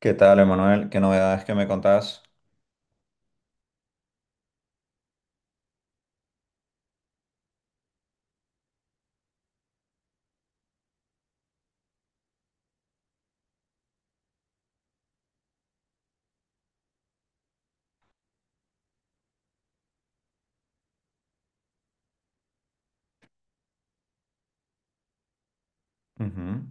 ¿Qué tal, Emanuel? ¿Qué novedades que me contás? Ujú.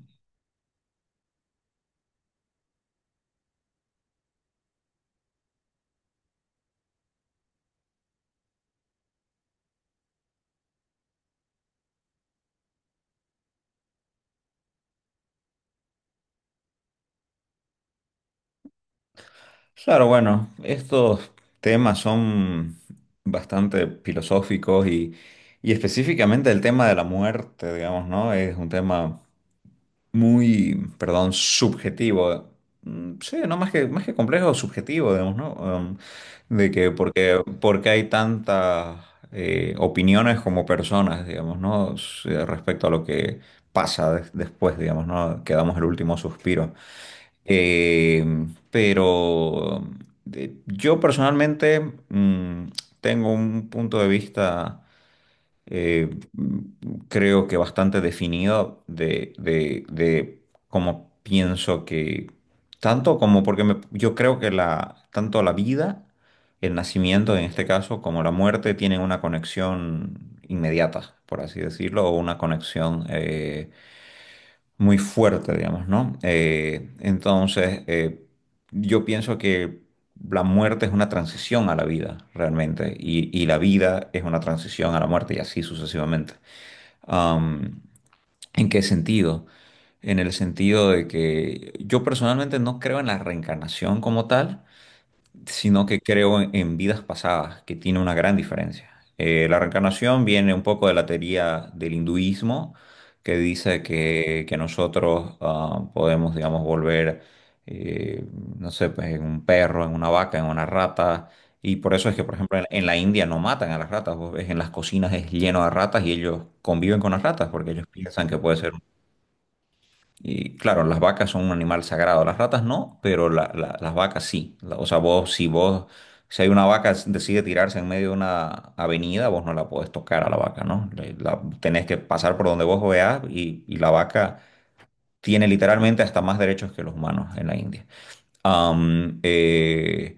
Claro, bueno, estos temas son bastante filosóficos y específicamente el tema de la muerte, digamos, ¿no? Es un tema muy, perdón, subjetivo. Mm, sí, no más que complejo, subjetivo, digamos, ¿no? De que porque hay tantas opiniones como personas, digamos, ¿no? Respecto a lo que pasa después, digamos, ¿no? Que damos el último suspiro. Eh, pero yo personalmente mm, tengo un punto de vista, eh, mm, creo que bastante definido de cómo pienso que, tanto como porque yo creo que tanto la vida, el nacimiento en este caso, como la muerte tienen una conexión inmediata, por así decirlo, o una conexión... muy fuerte, digamos, ¿no? Entonces, yo pienso que la muerte es una transición a la vida, realmente, y la vida es una transición a la muerte y así sucesivamente. Am, ¿En qué sentido? En el sentido de que yo personalmente no creo en la reencarnación como tal, sino que creo en vidas pasadas, que tiene una gran diferencia. La reencarnación viene un poco de la teoría del hinduismo, que dice que nosotros podemos, digamos, volver, eh, no sé, pues en un perro, en una vaca, en una rata. Y por eso es que, por ejemplo, en la India no matan a las ratas. Vos ves en las cocinas es lleno de ratas y ellos conviven con las ratas porque ellos piensan que puede ser. Y claro, las vacas son un animal sagrado, las ratas no, pero las vacas sí. O sea, vos, si hay una vaca que decide tirarse en medio de una avenida, vos no la podés tocar a la vaca, ¿no? Tenés que pasar por donde vos veas y, la vaca tiene literalmente hasta más derechos que los humanos en la India. Am, eh,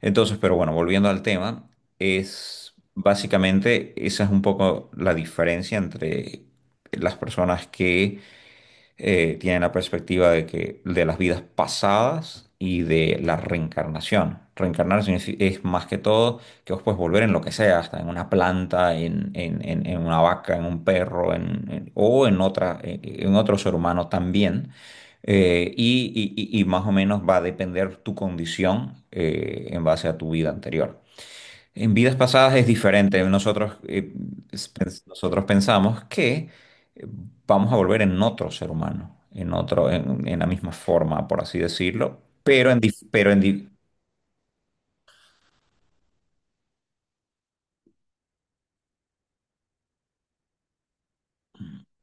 entonces, pero bueno, volviendo al tema, es básicamente esa es un poco la diferencia entre las personas que tienen la perspectiva de que de las vidas pasadas y de la reencarnación. Reencarnar es más que todo que vos puedes volver en lo que sea, hasta en una planta, en una vaca, en un perro, o en otra, en otro ser humano también. Y, y más o menos va a depender tu condición en base a tu vida anterior. En vidas pasadas es diferente. Nosotros pensamos que eh, vamos a volver en otro ser humano, en la misma forma, por así decirlo. Pero en, dif- pero en di-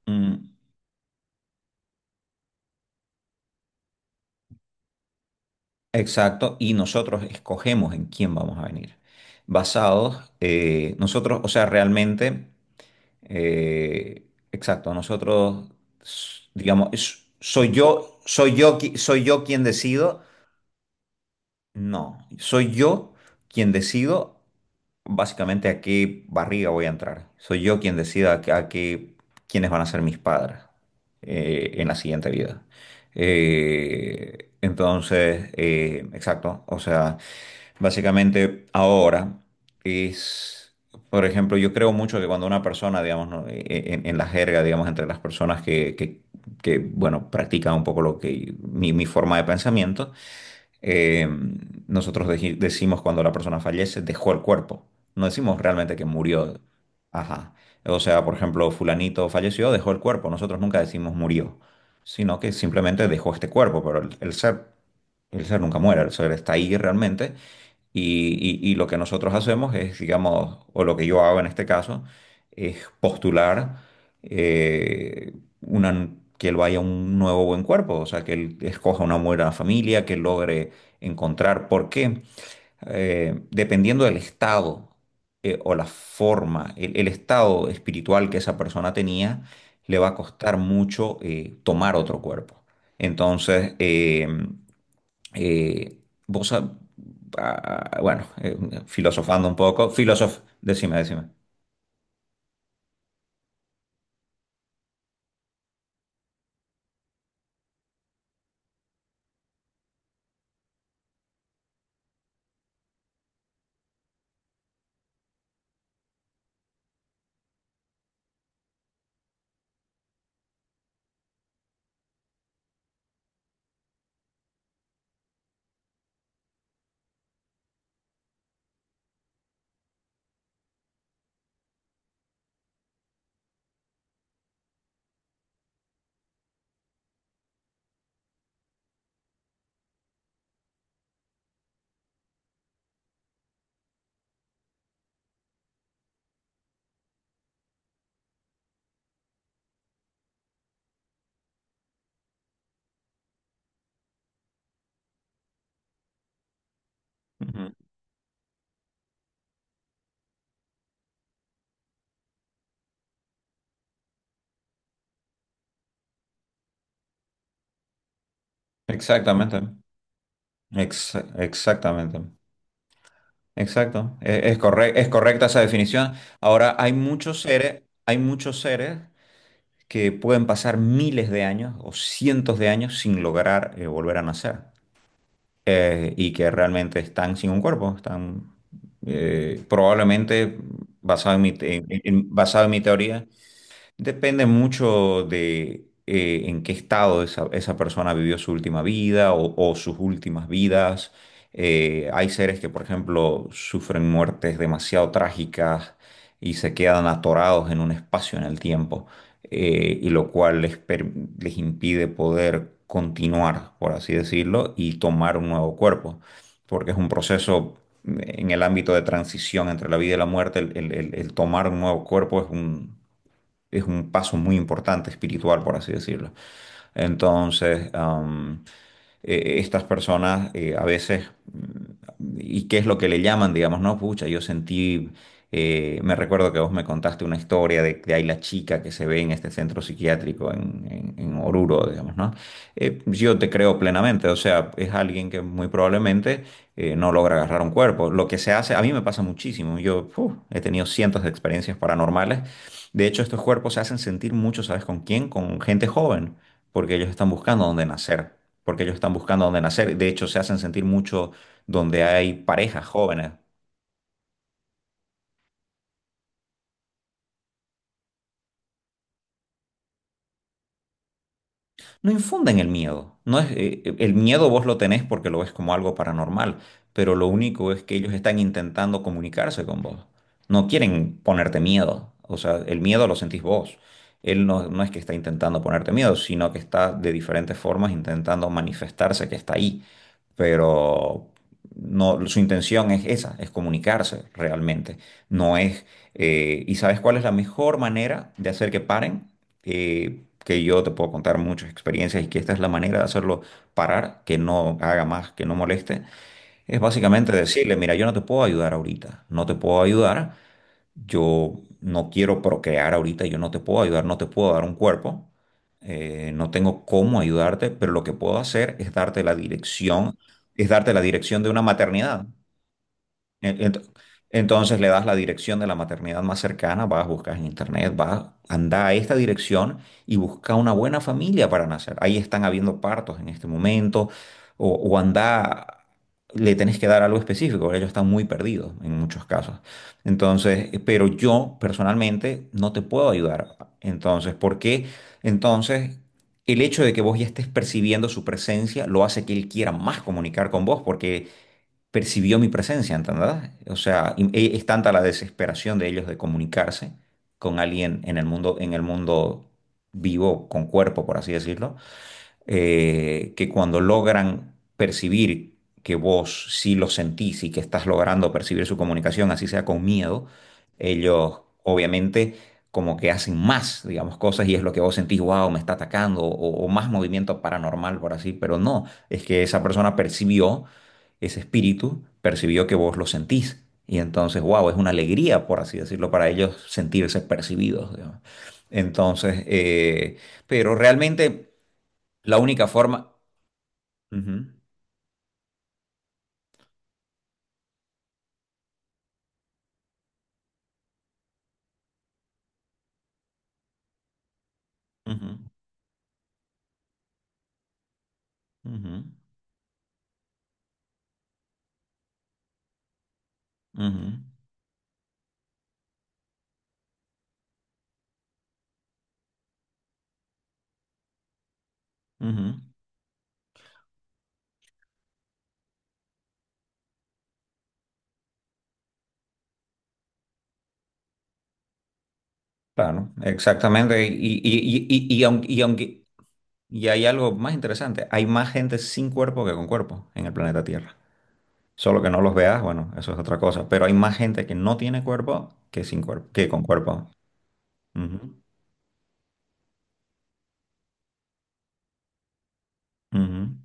mm, Exacto, y nosotros escogemos en quién vamos a venir. Basados, nosotros, o sea, realmente, eh, exacto, nosotros, digamos, soy yo quien decido. No, soy yo quien decido básicamente a qué barriga voy a entrar. Soy yo quien decida quiénes van a ser mis padres en la siguiente vida. Entonces, exacto. O sea, básicamente ahora es, por ejemplo, yo creo mucho que cuando una persona, digamos, ¿no? En la jerga, digamos, entre las personas que, bueno, practican un poco lo que mi forma de pensamiento. Eh, Nosotros decimos cuando la persona fallece, dejó el cuerpo. No decimos realmente que murió. Ajá. O sea, por ejemplo, fulanito falleció, dejó el cuerpo. Nosotros nunca decimos murió, sino que simplemente dejó este cuerpo, pero el ser nunca muere, el ser está ahí realmente. Y lo que nosotros hacemos es, digamos, o lo que yo hago en este caso, es postular eh, una- que él vaya a un nuevo buen cuerpo, o sea, que él escoja una buena familia, que logre encontrar por qué. Dependiendo del estado o la forma, el estado espiritual que esa persona tenía, le va a costar mucho tomar otro cuerpo. Entonces, eh, vos, sab- bueno, filosofando un poco, decime, decime. Ujú. Exactamente. Exactamente. Exacto. Es correcta esa definición. Ahora, hay muchos seres que pueden pasar miles de años o cientos de años sin lograr volver a nacer. Y que realmente están sin un cuerpo, están probablemente basado en mi teoría. Depende mucho de en qué estado esa persona vivió su última vida o sus últimas vidas. Hay seres que, por ejemplo, sufren muertes demasiado trágicas y se quedan atorados en un espacio en el tiempo, y lo cual les impide poder continuar, por así decirlo, y tomar un nuevo cuerpo, porque es un proceso en el ámbito de transición entre la vida y la muerte. El tomar un nuevo cuerpo es un paso muy importante espiritual, por así decirlo. Entonces, estas personas a veces. ¿Y qué es lo que le llaman? Digamos, no, pucha, yo sentí, me recuerdo que vos me contaste una historia de ahí la chica que se ve en este centro psiquiátrico en Oruro, digamos, ¿no? Yo te creo plenamente, o sea, es alguien que muy probablemente no logra agarrar un cuerpo. Lo que se hace, a mí me pasa muchísimo, yo uf, he tenido cientos de experiencias paranormales. De hecho, estos cuerpos se hacen sentir mucho, ¿sabes con quién? Con gente joven, porque ellos están buscando dónde nacer, porque ellos están buscando dónde nacer. De hecho, se hacen sentir mucho donde hay parejas jóvenes. No infunden el miedo. No es, el miedo vos lo tenés porque lo ves como algo paranormal, pero lo único es que ellos están intentando comunicarse con vos. No quieren ponerte miedo. O sea, el miedo lo sentís vos. Él no, no es que está intentando ponerte miedo, sino que está de diferentes formas intentando manifestarse que está ahí. Pero no, su intención es esa, es comunicarse realmente. No es. ¿Y sabes cuál es la mejor manera de hacer que paren? Que yo te puedo contar muchas experiencias y que esta es la manera de hacerlo parar, que no haga más, que no moleste. Es básicamente decirle, mira, yo no te puedo ayudar ahorita, no te puedo ayudar, yo no quiero procrear ahorita, yo no te puedo ayudar, no te puedo dar un cuerpo, no tengo cómo ayudarte, pero lo que puedo hacer es darte la dirección, es darte la dirección de una maternidad. En- ent- Entonces le das la dirección de la maternidad más cercana, vas, buscas en internet, vas, anda a esta dirección y busca una buena familia para nacer. Ahí están habiendo partos en este momento, o anda, le tenés que dar algo específico, porque ellos están muy perdidos en muchos casos. Entonces, pero yo personalmente no te puedo ayudar. Entonces, ¿por qué? Entonces, el hecho de que vos ya estés percibiendo su presencia lo hace que él quiera más comunicar con vos, porque percibió mi presencia, ¿entendés? O sea, es tanta la desesperación de ellos de comunicarse con alguien en el mundo vivo, con cuerpo, por así decirlo, que cuando logran percibir que vos sí lo sentís y que estás logrando percibir su comunicación, así sea con miedo, ellos obviamente como que hacen más, digamos, cosas y es lo que vos sentís, wow, me está atacando, o más movimiento paranormal, por así, pero no, es que esa persona percibió ese espíritu percibió que vos lo sentís. Y entonces, wow, es una alegría, por así decirlo, para ellos sentirse percibidos. Digamos. Entonces, pero realmente la única forma. Ujú, ujú, ujú, ujú, ujú. Claro, exactamente. Y, y, y, y aunque, y aunque- y hay algo más interesante, hay más gente sin cuerpo que con cuerpo en el planeta Tierra. Solo que no los veas, bueno, eso es otra cosa. Pero hay más gente que no tiene cuerpo que sin cuerpo, que con cuerpo. Ujú. Ujú.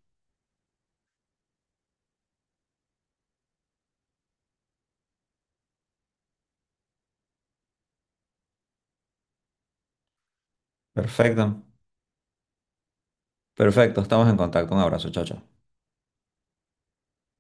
Perfecto, perfecto. Estamos en contacto. Un abrazo, chao, chao.